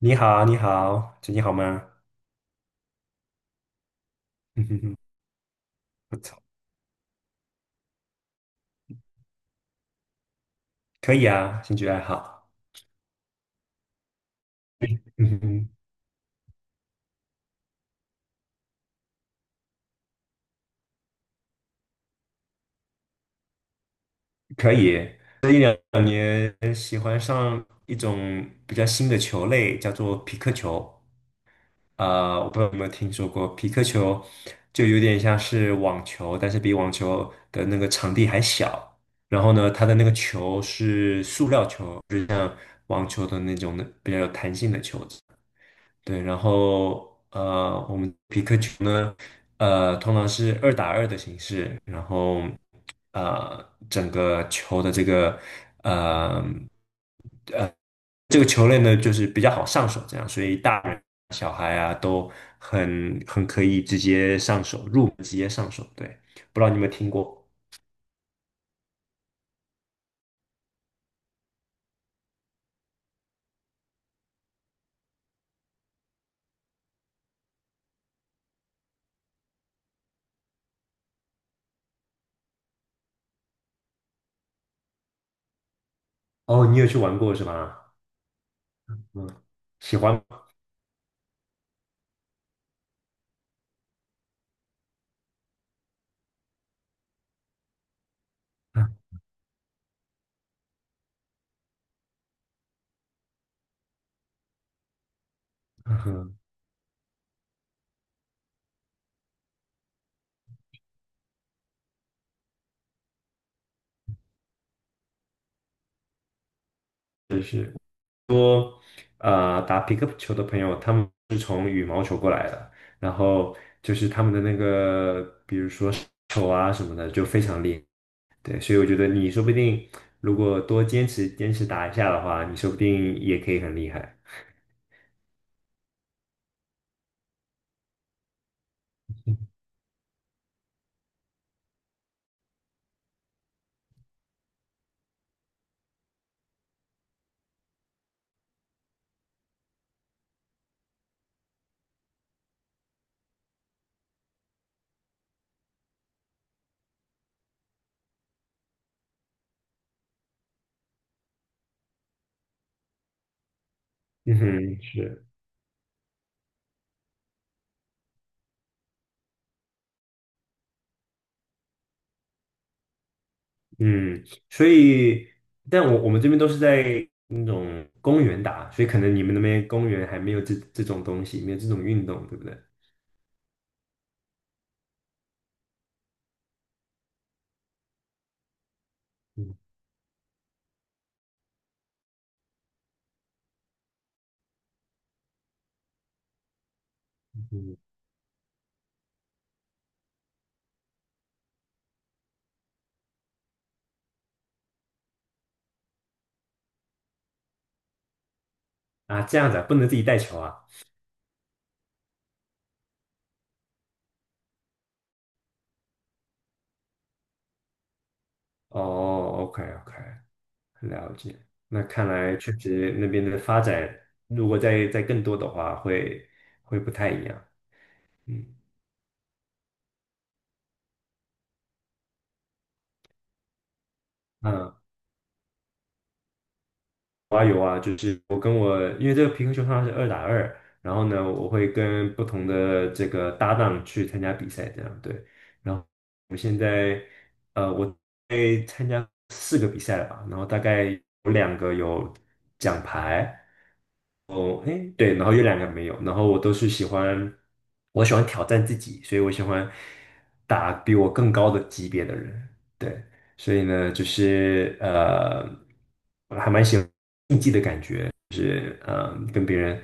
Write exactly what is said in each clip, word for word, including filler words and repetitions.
你好，你好，最近好吗？嗯哼哼，不错，可以啊，兴趣爱好，嗯哼哼，可以。那你喜欢上一种比较新的球类，叫做皮克球。啊、我不知道有没有听说过，皮克球就有点像是网球，但是比网球的那个场地还小。然后呢，它的那个球是塑料球，就是像网球的那种的比较有弹性的球。子。对，然后呃，我们皮克球呢，呃，通常是二打二的形式，然后呃，整个球的这个呃这个球类呢，就是比较好上手，这样，所以大人小孩啊都很很可以直接上手，入门直接上手。对，不知道你有没有听过？哦，你有去玩过是吧？嗯，喜欢。嗯。 嗯哼。呃打皮克球的朋友，他们是从羽毛球过来的，然后就是他们的那个，比如说手啊什么的，就非常厉害。对，所以我觉得你说不定如果多坚持坚持打一下的话，你说不定也可以很厉害。嗯哼，是，嗯，所以，但我我们这边都是在那种公园打，所以可能你们那边公园还没有这这种东西，没有这种运动，对不对？嗯嗯，啊，这样子啊，不能自己带球啊。哦，OK OK，了解，那看来确实那边的发展，如果再再更多的话，会会不太一样。嗯嗯，我还有我跟我，因为这个皮克球通是二打二，然后呢，我会跟不同的这个搭档去参加比赛，这样对。然后我现在呃，我在参加四个比赛了吧，然后大概有两个有奖牌，哎，对，然后有两个没有，然后我都是喜欢，我喜欢挑战自己，所以我喜欢打比我更高的级别的人，对，所以呢，就是呃，我还蛮喜欢跟别人，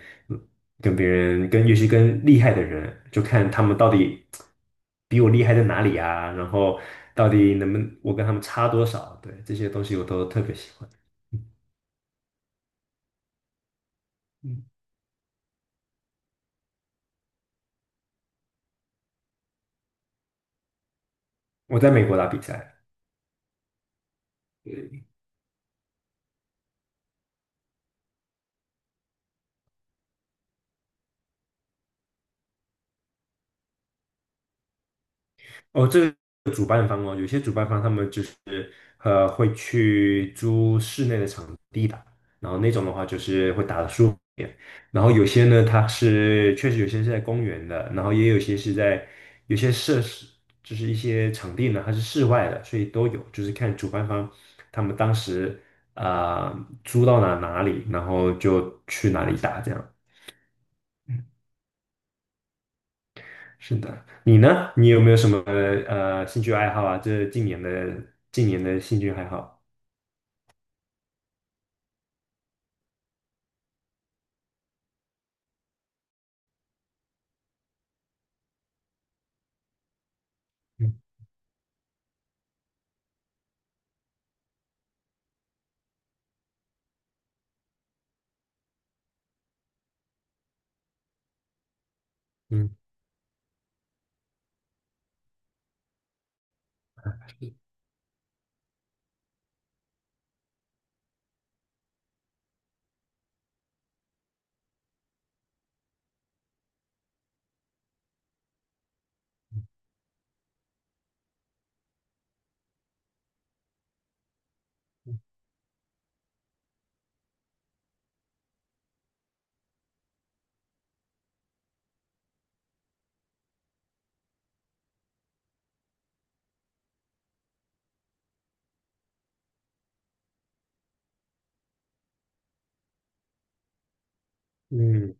跟别人，跟尤其跟厉害的人，就看他们到底比我厉害在哪里啊，然后到底能不能我跟他们差多少，对，这些东西我都特别喜欢。嗯，嗯。我在美国打比赛。哦，这个主办方哦，有些主办方他们就是呃会去租室内的场地打，然后那种的话就是会打得舒服一点。然后有些呢，它是确实有些是在公园的，然后也有些是在有些设施就是一些场地呢，它是室外的，所以都有，就是看主办方他们当时啊、呃租到哪哪里，然后就去哪里打这样。是的，你呢？你有没有什么呃兴趣爱好啊？这近年的近年的兴趣爱好？嗯嗯嗯，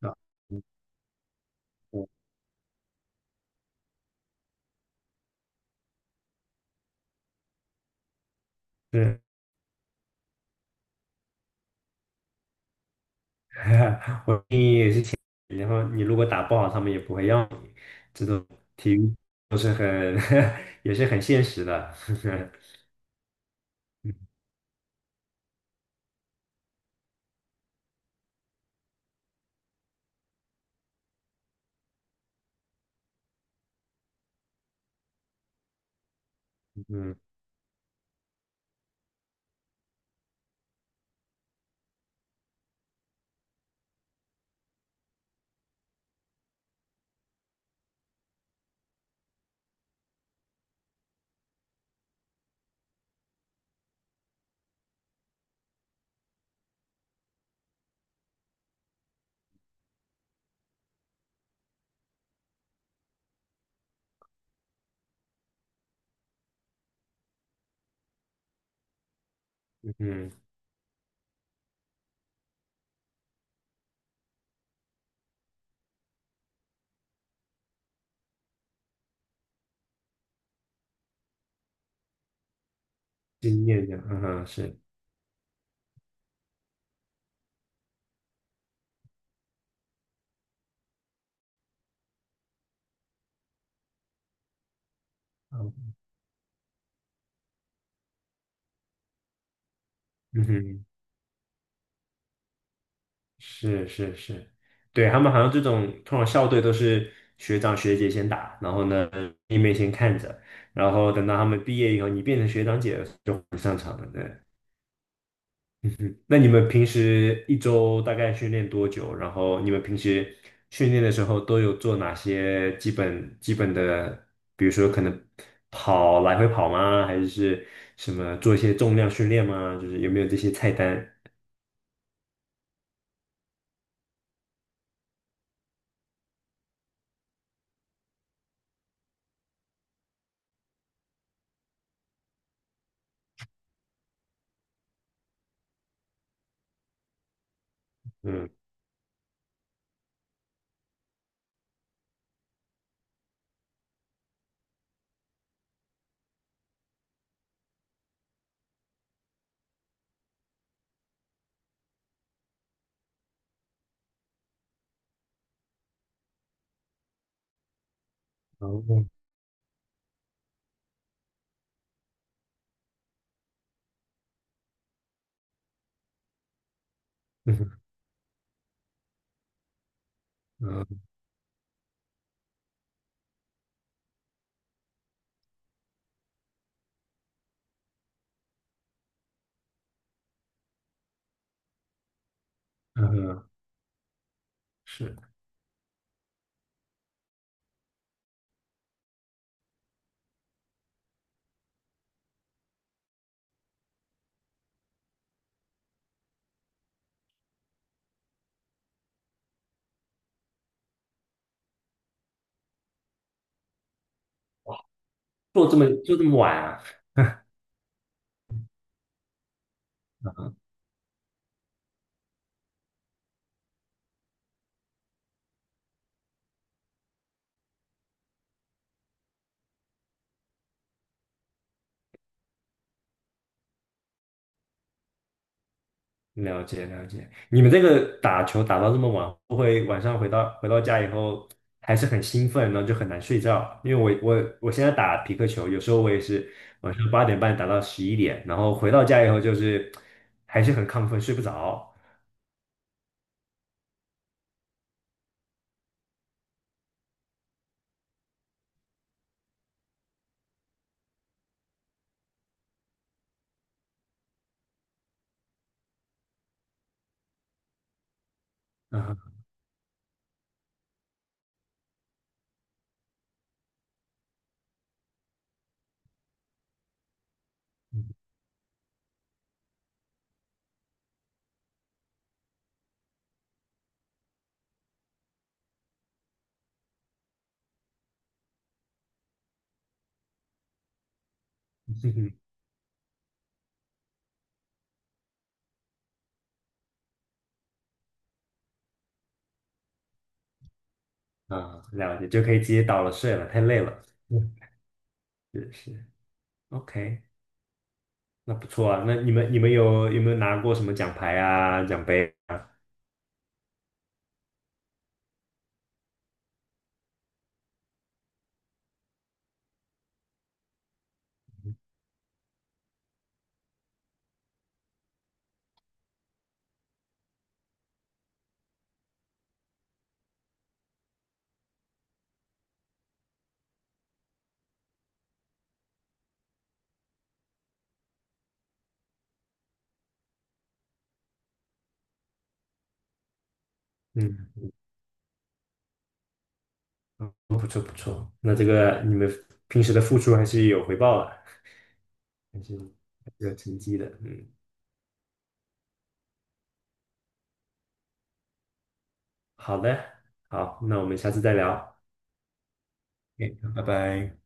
啊，我是。 我建议你，然后你如果打不好，他们也不会要你。这种体育都是很。 也是很现实的。嗯嗯嗯，经验的，嗯哼，是，嗯。嗯哼。是是是，对，他们好像这种通常校队都是学长学姐先打，然后呢妹妹先看着，然后等到他们毕业以后，你变成学长姐了就不上场了。对，嗯哼。那你们平时一周大概训练多久？然后你们平时训练的时候都有做哪些基本基本的，比如说可能跑来回跑吗？还是是什么做一些重量训练吗？就是有没有这些菜单？嗯，哦，嗯嗯嗯，是。做这么就这么晚啊？了解了解，你们这个打球打到这么晚，会不会晚上回到回到家以后还是很兴奋，然后就很难睡觉？因为我我我现在打匹克球，有时候我也是晚上八点半打到十一点，然后回到家以后就是还是很亢奋，睡不着。啊，啊，了解，就可以直接倒了睡了，太累了。嗯。是是，OK，那不错啊。那你们你们有有没有拿过什么奖牌啊、奖杯啊？嗯嗯，不错不错。那这个你们平时的付出还是有回报的，还是有成绩的。嗯，好的，好，那我们下次再聊。OK，拜拜。